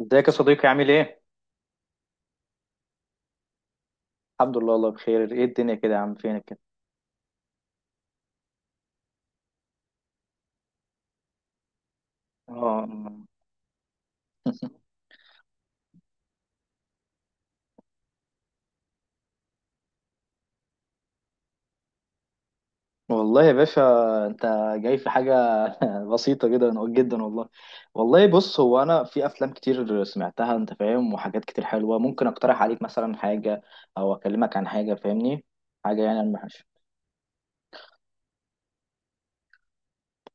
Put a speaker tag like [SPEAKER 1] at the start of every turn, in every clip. [SPEAKER 1] ازيك يا صديقي؟ عامل ايه؟ الحمد لله والله بخير. ايه الدنيا كده يا عم، فينك كده؟ اه والله يا باشا، انت جاي في حاجة بسيطة جدا جدا والله. والله بص، هو انا في افلام كتير سمعتها انت فاهم، وحاجات كتير حلوة ممكن اقترح عليك مثلا حاجة او اكلمك عن حاجة، فاهمني؟ حاجة يعني.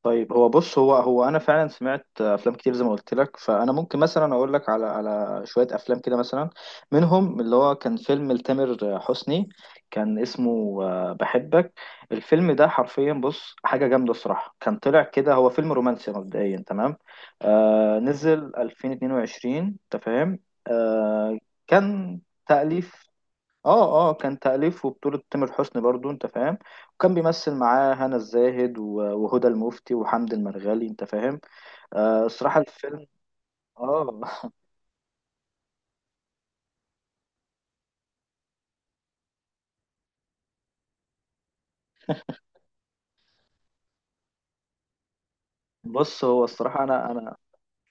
[SPEAKER 1] طيب، هو بص هو انا فعلا سمعت افلام كتير زي ما قلت لك، فانا ممكن مثلا اقول لك على شويه افلام كده، مثلا منهم اللي هو كان فيلم لتامر حسني، كان اسمه بحبك. الفيلم ده حرفيا بص حاجه جامده الصراحه، كان طلع كده هو فيلم رومانسي مبدئيا، تمام. آه، نزل 2022، انت فاهم. آه، كان تأليف. اه كان تأليف وبطولة تامر حسني برضو، انت فاهم. وكان بيمثل معاه هنا الزاهد وهدى المفتي وحمد المرغالي، انت فاهم. آه الصراحة الفيلم اه بص، هو الصراحة انا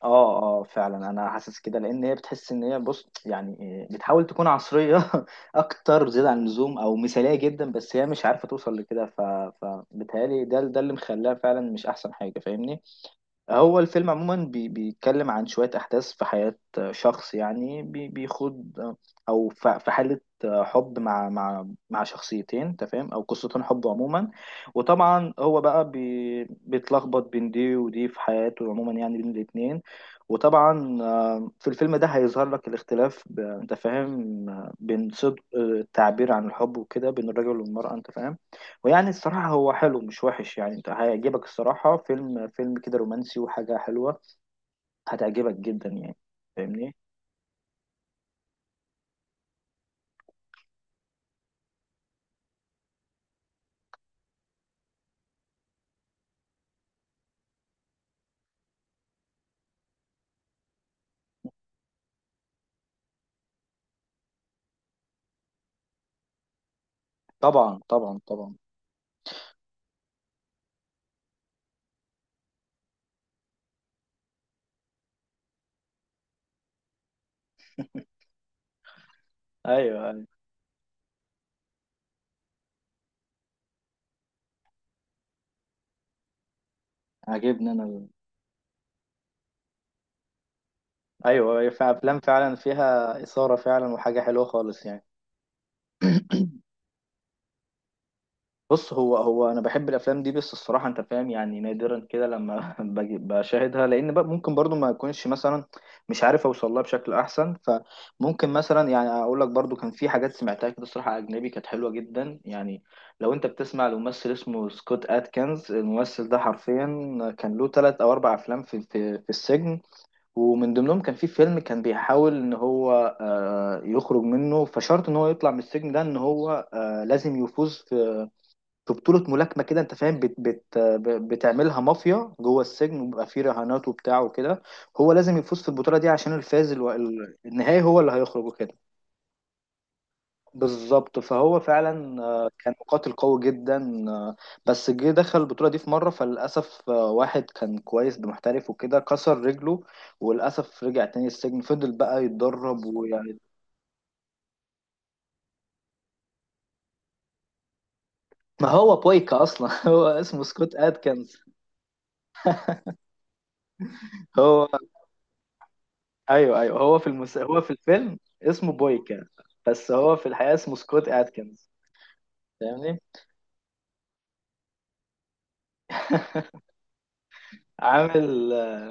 [SPEAKER 1] اه فعلا انا حاسس كده، لان هي بتحس ان هي بص يعني إيه، بتحاول تكون عصرية اكتر زيادة عن اللزوم، او مثالية جدا، بس هي مش عارفة توصل لكده. فبتهيألي ده اللي مخلاها فعلا مش احسن حاجة، فاهمني. هو الفيلم عموما بيتكلم عن شوية أحداث في حياة شخص، يعني بيخوض أو في حالة حب مع مع شخصيتين، أنت فاهم، أو قصتين حب عموما. وطبعا هو بقى بيتلخبط بين دي ودي في حياته عموما، يعني بين الاتنين. وطبعا في الفيلم ده هيظهر لك الاختلاف أنت فاهم، بين صدق التعبير عن الحب وكده، بين الرجل والمرأة، أنت فاهم. ويعني الصراحة هو حلو، مش وحش يعني، انت هيعجبك الصراحة. فيلم كده رومانسي وحاجة حلوة، هتعجبك جدا يعني، فاهمني. طبعا طبعا طبعا. ايوه ايوه، عاجبني انا ايوه، هي في افلام فعلا فيها إثارة فعلا وحاجة حلوة خالص يعني. بص، هو انا بحب الافلام دي، بس الصراحه انت فاهم يعني نادرا كده لما باجي بشاهدها، لان بقى ممكن برضو ما اكونش مثلا مش عارف اوصل لها بشكل احسن. فممكن مثلا يعني اقول لك برضو، كان في حاجات سمعتها كده الصراحه اجنبي كانت حلوه جدا يعني. لو انت بتسمع لممثل اسمه سكوت اتكنز، الممثل ده حرفيا كان له ثلاث او اربع افلام في السجن. ومن ضمنهم كان في فيلم كان بيحاول ان هو يخرج منه، فشرط ان هو يطلع من السجن ده ان هو لازم يفوز في في بطولة ملاكمة كده، انت فاهم. بت بت بتعملها مافيا جوه السجن، وبيبقى فيه رهانات وبتاع وكده. هو لازم يفوز في البطولة دي عشان النهائي، هو اللي هيخرج وكده. بالظبط، فهو فعلا كان مقاتل قوي جدا، بس جه دخل البطولة دي في مرة، فللأسف واحد كان كويس محترف وكده كسر رجله، وللأسف رجع تاني السجن، فضل بقى يتدرب ويعني. ما هو بويكا أصلا هو اسمه سكوت أدكنز. هو ايوه ايوه، هو هو في الفيلم اسمه بويكا، بس هو في الحقيقه اسمه سكوت اتكنز، فاهمني. عامل ايوه.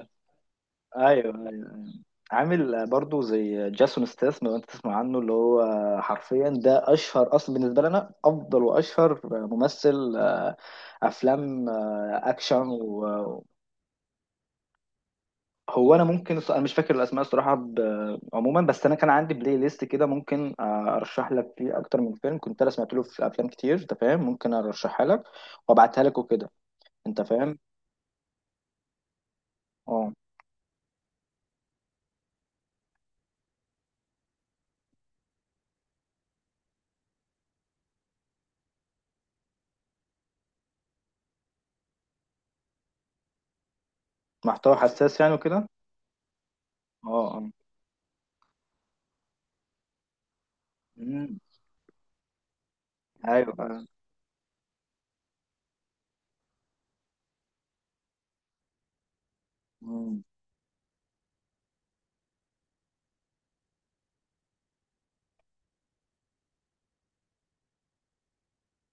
[SPEAKER 1] ايوه أيوة. عامل برضو زي جاسون ستاثام، لو انت تسمع عنه، اللي هو حرفيا ده اشهر اصلا بالنسبه لنا، افضل واشهر ممثل افلام اكشن هو انا ممكن انا مش فاكر الاسماء الصراحه، عموما بس انا كان عندي بلاي ليست كده، ممكن ارشح لك فيه اكتر من فيلم، كنت انا سمعت له في افلام كتير انت فاهم، ممكن ارشحها لك وابعتها لك وكده، انت فاهم. اه، محتوى حساس يعني وكده. اه مم. ايوه آه. مم.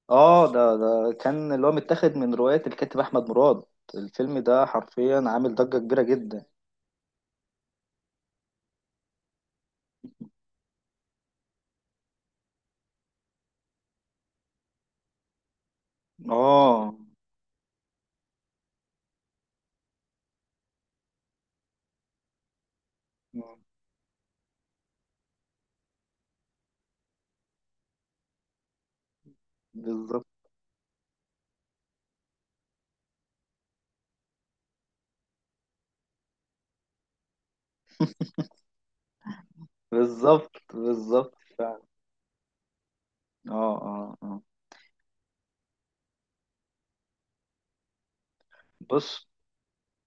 [SPEAKER 1] اه، ده كان اللي هو متاخد من روايه الكاتب احمد مراد. الفيلم ده حرفيا عامل ضجه كبيره جدا. اه، بالظبط بالظبط فعلا. اه بص،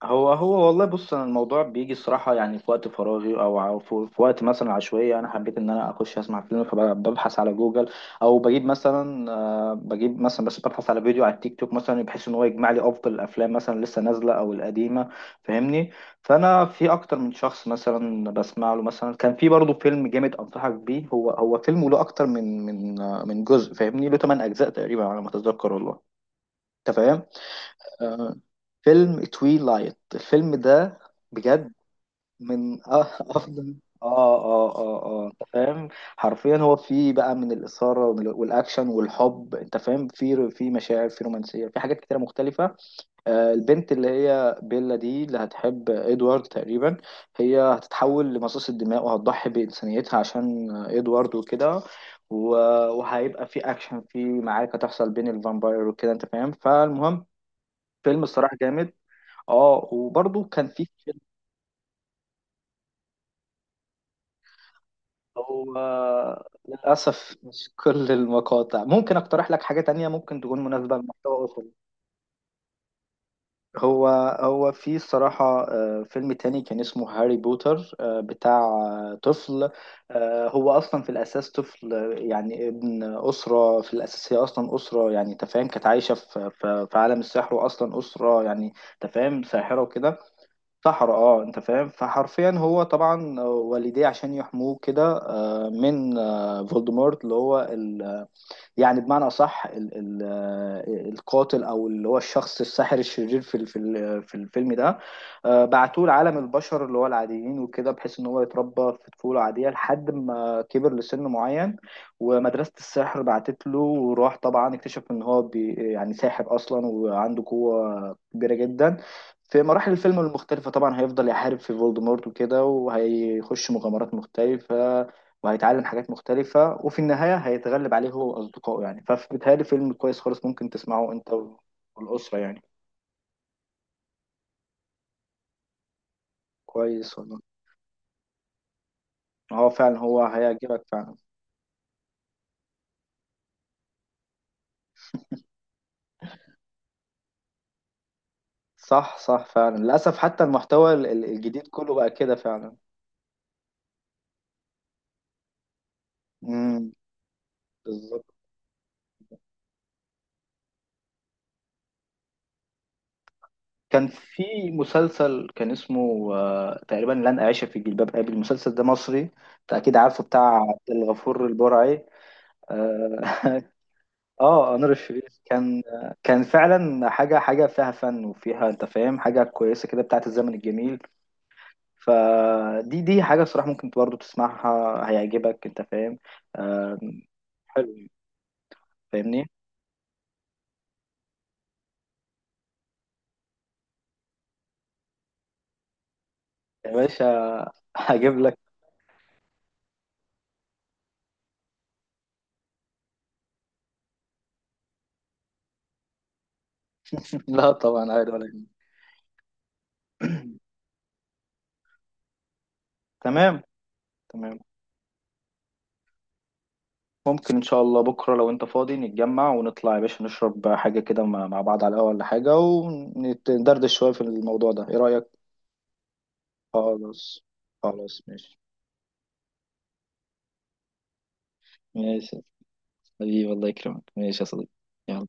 [SPEAKER 1] هو والله بص، انا الموضوع بيجي الصراحه يعني في وقت فراغي، او في وقت مثلا عشوائي انا حبيت ان انا اخش اسمع فيلم، فببحث على جوجل. او بجيب مثلا بجيب مثلا بس ببحث على فيديو على التيك توك مثلا، بحيث ان هو يجمع لي افضل الافلام مثلا لسه نازله او القديمه، فاهمني. فانا في اكتر من شخص مثلا بسمع له، مثلا كان في برضه فيلم جامد انصحك بيه، هو فيلم له اكتر من جزء، فاهمني، له 8 اجزاء تقريبا على ما اتذكر والله، انت فاهم. آه، فيلم تويلايت، الفيلم ده بجد من افضل. اه انت فاهم، حرفيا هو فيه بقى من الاثاره والاكشن والحب، انت فاهم، في مشاعر، في رومانسيه، في حاجات كتيره مختلفه. آه البنت اللي هي بيلا دي اللي هتحب ادوارد تقريبا، هي هتتحول لمصاص الدماء وهتضحي بانسانيتها عشان ادوارد وكده. و- وهيبقى في اكشن، في معركه تحصل بين الفامباير وكده، انت فاهم. فالمهم، فيلم الصراحه جامد. اه وبرضه كان في فيلم هو للأسف مش كل المقاطع. ممكن أقترح لك حاجة تانية ممكن تكون مناسبة للمحتوى أصلا. هو هو في الصراحة فيلم تاني كان اسمه هاري بوتر، بتاع طفل. هو أصلا في الأساس طفل، يعني ابن أسرة في الأساس، هي أصلا أسرة يعني تفاهم كانت عايشة في عالم السحر، وأصلا أسرة يعني تفاهم ساحرة وكده. سحر اه، انت فاهم، فحرفيا هو طبعا والديه عشان يحموه كده من فولدمورت اللي هو يعني بمعنى أصح ال القاتل، أو اللي هو الشخص الساحر الشرير في الفيلم ده، بعتوه لعالم البشر اللي هو العاديين وكده، بحيث إن هو يتربى في طفولة عادية لحد ما كبر لسن معين. ومدرسة السحر بعتت له وراح، طبعا اكتشف إن هو يعني ساحر أصلا، وعنده قوة كبيرة جدا. في مراحل الفيلم المختلفة طبعا هيفضل يحارب في فولدمورت وكده، وهيخش مغامرات مختلفة وهيتعلم حاجات مختلفة، وفي النهاية هيتغلب عليه هو وأصدقائه يعني. فبيتهيألي فيلم كويس خالص، ممكن تسمعه أنت والأسرة يعني. كويس والله، هو فعلا هو هيعجبك فعلا. صح فعلا للأسف، حتى المحتوى الجديد كله بقى كده فعلا. امم، بالظبط. كان في مسلسل كان اسمه تقريبا لن أعيش في جلباب أبي. المسلسل ده مصري أنت أكيد عارفه، بتاع عبد الغفور البرعي. آه، اه انور الشريف كان، كان فعلا حاجه، فيها فن وفيها انت فاهم حاجه كويسه كده بتاعت الزمن الجميل. فدي حاجه صراحه ممكن برضه تسمعها هيعجبك، انت فاهم. آه، حلو، فاهمني. يا باشا هجيب لك. لا طبعا، عادي ولا يهمك. تمام تمام. ممكن ان شاء الله بكره لو انت فاضي نتجمع ونطلع يا باشا، نشرب حاجه كده مع بعض على القهوه ولا حاجه، وندردش شويه في الموضوع ده، ايه رايك؟ خلاص خلاص، ماشي. ماشي حبيبي، الله يكرمك، ماشي يا صديقي. يلا.